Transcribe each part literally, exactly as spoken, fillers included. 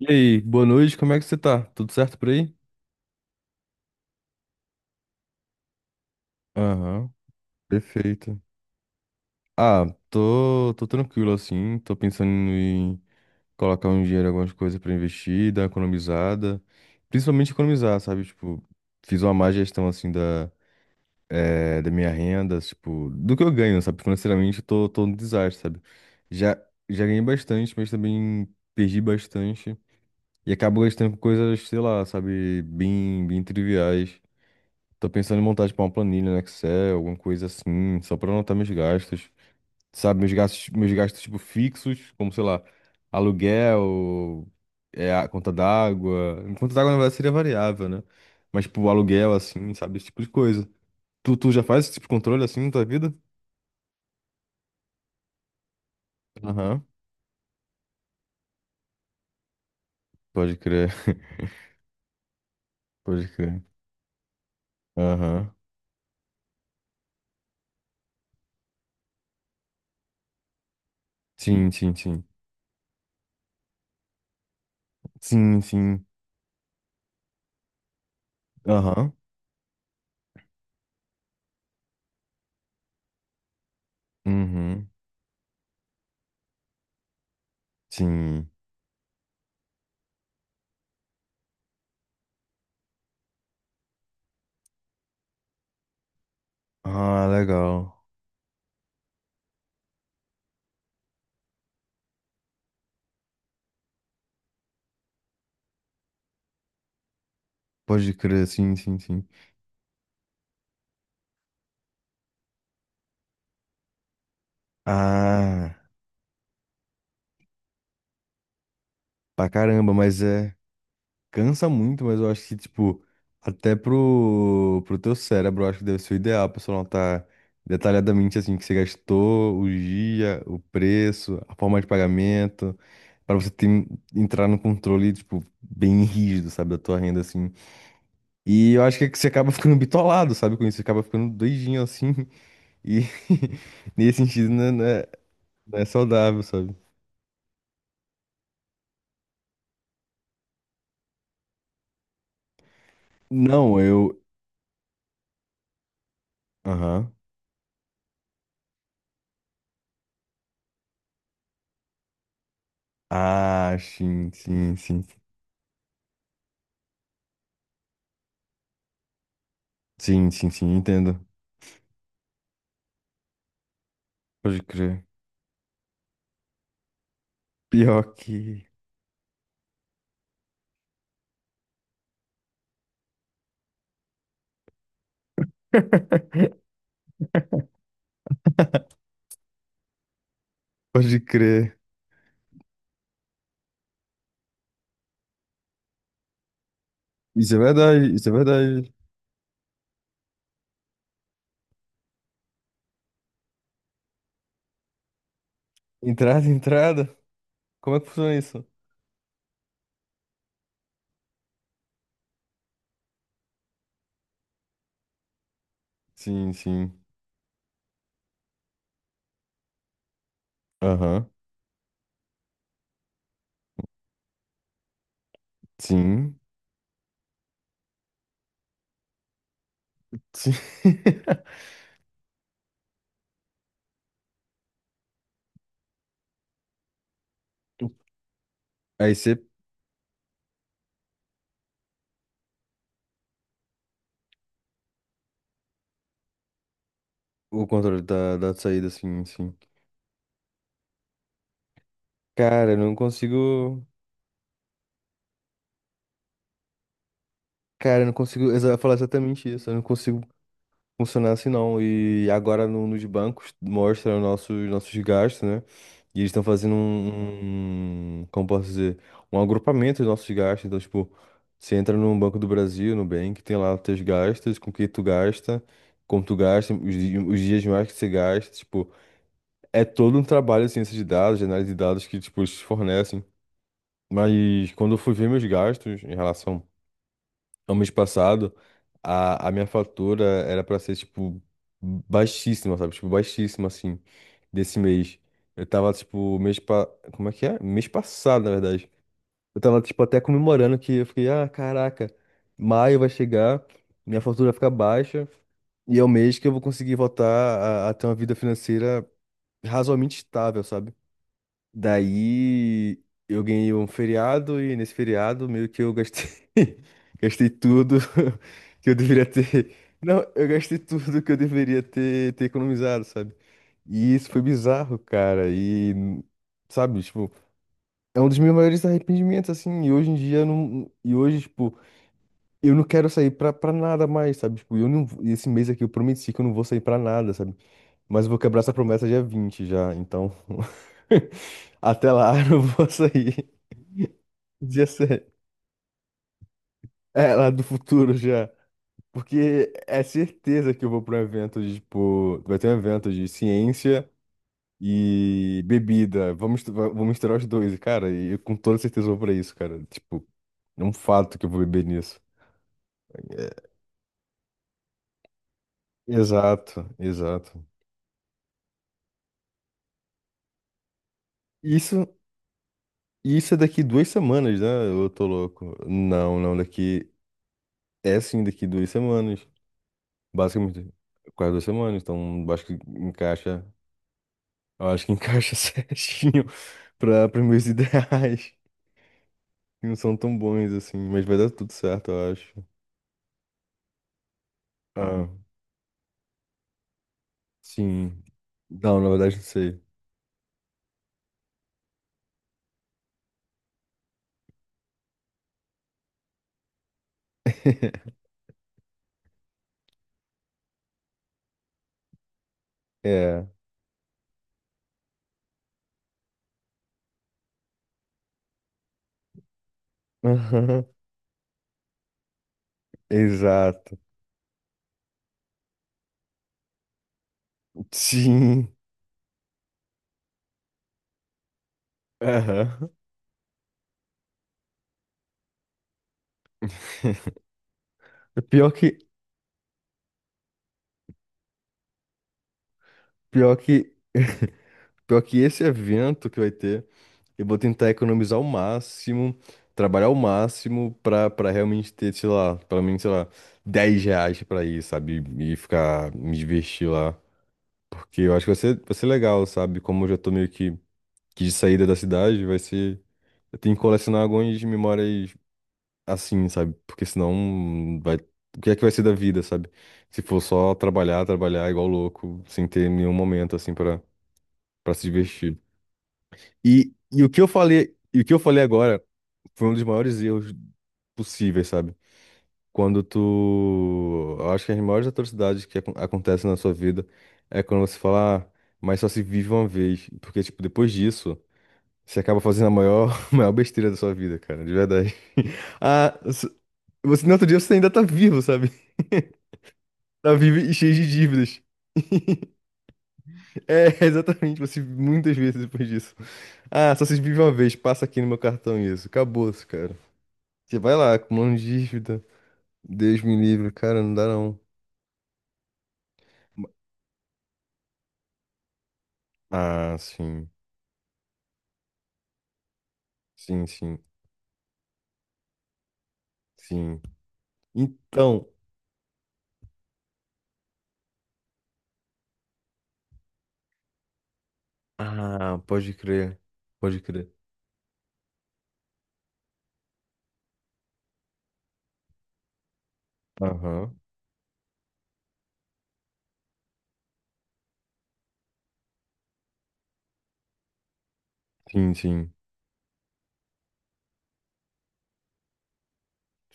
E aí, boa noite, como é que você tá? Tudo certo por aí? Aham, perfeito. Ah, tô, tô tranquilo assim, tô pensando em colocar um dinheiro, em algumas coisas pra investir, dar uma economizada, principalmente economizar, sabe? Tipo, fiz uma má gestão assim da, eh, da minha renda, tipo, do que eu ganho, sabe? Financeiramente eu tô, tô um desastre, sabe? Já, já ganhei bastante, mas também perdi bastante e acabo gastando com coisas, sei lá, sabe? Bem, bem triviais. Tô pensando em montar, tipo, uma planilha no Excel, alguma coisa assim, só pra anotar meus gastos. Sabe, meus gastos, meus gastos, tipo, fixos, como, sei lá, aluguel, é, a conta d'água. Conta d'água, na verdade, seria variável, né? Mas, tipo, aluguel, assim, sabe, esse tipo de coisa. Tu, tu já faz esse tipo de controle, assim, na tua vida? Aham, pode crer, pode crer. Aham. Sim, sim, sim. Sim, sim. Aham. Uhum. Sim. Ah, legal. Pode crer, sim, sim, sim. Ah. Pra caramba, mas é. Cansa muito, mas eu acho que, tipo, até pro, pro teu cérebro, eu acho que deve ser o ideal pra você anotar detalhadamente, assim, o que você gastou, o dia, o preço, a forma de pagamento, pra você ter, entrar no controle, tipo, bem rígido, sabe, da tua renda, assim. E eu acho que é que você acaba ficando bitolado, sabe, com isso, você acaba ficando doidinho, assim, e nesse sentido não é, não é não é saudável, sabe. Não, eu. Aham. Ah, sim, sim, sim. Sim, sim, sim, entendo. Pode crer. Pior que. Pode crer. Isso é verdade, isso é verdade. Entrada, entrada. Como é que funciona isso? Sim, sim. Aham. Sim. Sim. Aí você. O controle da, da saída, sim, sim. Cara, eu não consigo. Cara, eu não consigo exa- falar exatamente isso. Eu não consigo funciona assim não. E agora no- nos bancos mostra os nossos, nossos gastos, né? E eles estão fazendo um, um- como posso dizer, um agrupamento dos nossos gastos. Então, tipo, você entra no Banco do Brasil, no Nubank, tem lá os teus gastos, com que tu gasta, como tu gasta, os, di- os dias mais que você gasta, tipo, é todo um trabalho de ciência de dados, de análise de dados que, tipo, eles fornecem. Mas quando eu fui ver meus gastos em relação no mês passado, a, a minha fatura era pra ser, tipo, baixíssima, sabe? Tipo, baixíssima, assim, desse mês. Eu tava, tipo, mês pa... Como é que é? Mês passado, na verdade. Eu tava, tipo, até comemorando que eu fiquei, ah, caraca, maio vai chegar, minha fatura vai ficar baixa, e é o mês que eu vou conseguir voltar a, a ter uma vida financeira razoavelmente estável, sabe? Daí eu ganhei um feriado e nesse feriado meio que eu gastei gastei tudo que eu deveria ter. Não, eu gastei tudo que eu deveria ter, ter economizado, sabe? E isso foi bizarro, cara. E sabe, tipo, é um dos meus maiores arrependimentos assim, e hoje em dia eu não e hoje, tipo, eu não quero sair pra, pra nada mais, sabe? Tipo, eu não esse mês aqui eu prometi que eu não vou sair pra nada, sabe? Mas eu vou quebrar essa promessa dia vinte já, então. Até lá, eu não vou sair. Dia sete. É, lá do futuro já. Porque é certeza que eu vou para um evento de, tipo. Vai ter um evento de ciência e bebida. Vamos, vamos va- vou misturar os dois, cara. E eu com toda certeza vou pra isso, cara. Tipo, é um fato que eu vou beber nisso. Exato, exato. Isso, isso é daqui duas semanas, né? Eu tô louco. Não, não, daqui. É sim, daqui duas semanas. Basicamente, quase duas semanas, então acho que encaixa. Eu acho que encaixa certinho para os meus ideais. Que Não são tão bons assim, mas vai dar tudo certo, eu acho. Ah, sim. Não, na verdade, não sei. É. Aham. Exato. Sim. Aham. Pior que, pior que, pior que esse evento que vai ter. Eu vou tentar economizar o máximo, trabalhar o máximo pra, pra realmente ter, sei lá, pelo menos, sei lá, dez reais pra ir, sabe? E ficar, me divertir lá. Porque eu acho que vai ser, vai ser legal, sabe? Como eu já tô meio que, que de saída da cidade, vai ser. Eu tenho que colecionar algumas memórias assim, sabe? Porque senão vai. O que é que vai ser da vida, sabe? Se for só trabalhar, trabalhar igual louco, sem ter nenhum momento assim pra, pra se divertir. E, e o que eu falei, e o que eu falei agora foi um dos maiores erros possíveis, sabe? Quando tu. Eu acho que as maiores atrocidades que acon- acontecem na sua vida é quando você fala, "Ah, mas só se vive uma vez. Porque, tipo, depois disso, você acaba fazendo a maior, maior besteira da sua vida, cara, de verdade. Ah, s- você no outro dia você ainda tá vivo, sabe? Tá vivo e cheio de dívidas. É, exatamente, você muitas vezes depois disso. Ah, só se vive uma vez, passa aqui no meu cartão isso. Acabou-se, cara. Você vai lá, acumulando dívida. Deus me livre, cara, não dá não. Ah, sim. Sim, sim, sim. Então, ah, pode crer. Pode crer. Aham. Sim, sim.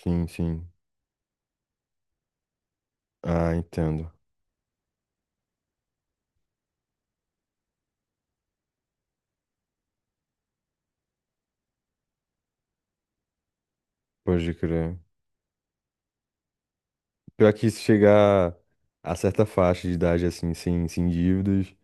Sim, sim. Ah, entendo. Pode crer. Pior que se chegar a certa faixa de idade assim, sem, sem dívidas,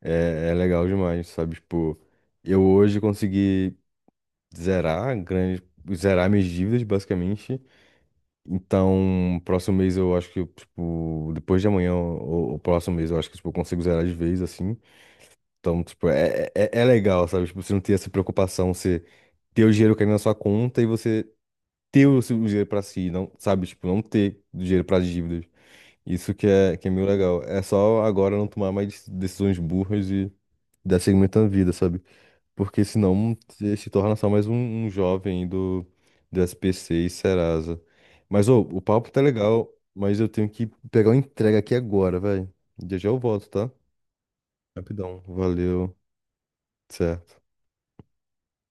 é, é legal demais, sabe? Tipo, eu hoje consegui zerar grande, zerar minhas dívidas, basicamente. Então, próximo mês eu acho que, eu, tipo, depois de amanhã, o, o próximo mês, eu acho que, tipo, eu consigo zerar de vez, assim. Então, tipo, é, é, é é legal, sabe? Tipo, você não ter essa preocupação, você ter o dinheiro caindo na sua conta e você ter o seu dinheiro pra si, não, sabe? Tipo, não ter dinheiro pra dívidas. Isso que é, que é meio legal. É só agora não tomar mais decisões burras e dar seguimento à vida, sabe? Porque senão você se torna só mais um, um jovem do, do S P C e Serasa. Mas ô, o papo tá legal, mas eu tenho que pegar uma entrega aqui agora, velho. Já já eu volto, tá? Rapidão. Valeu. Certo.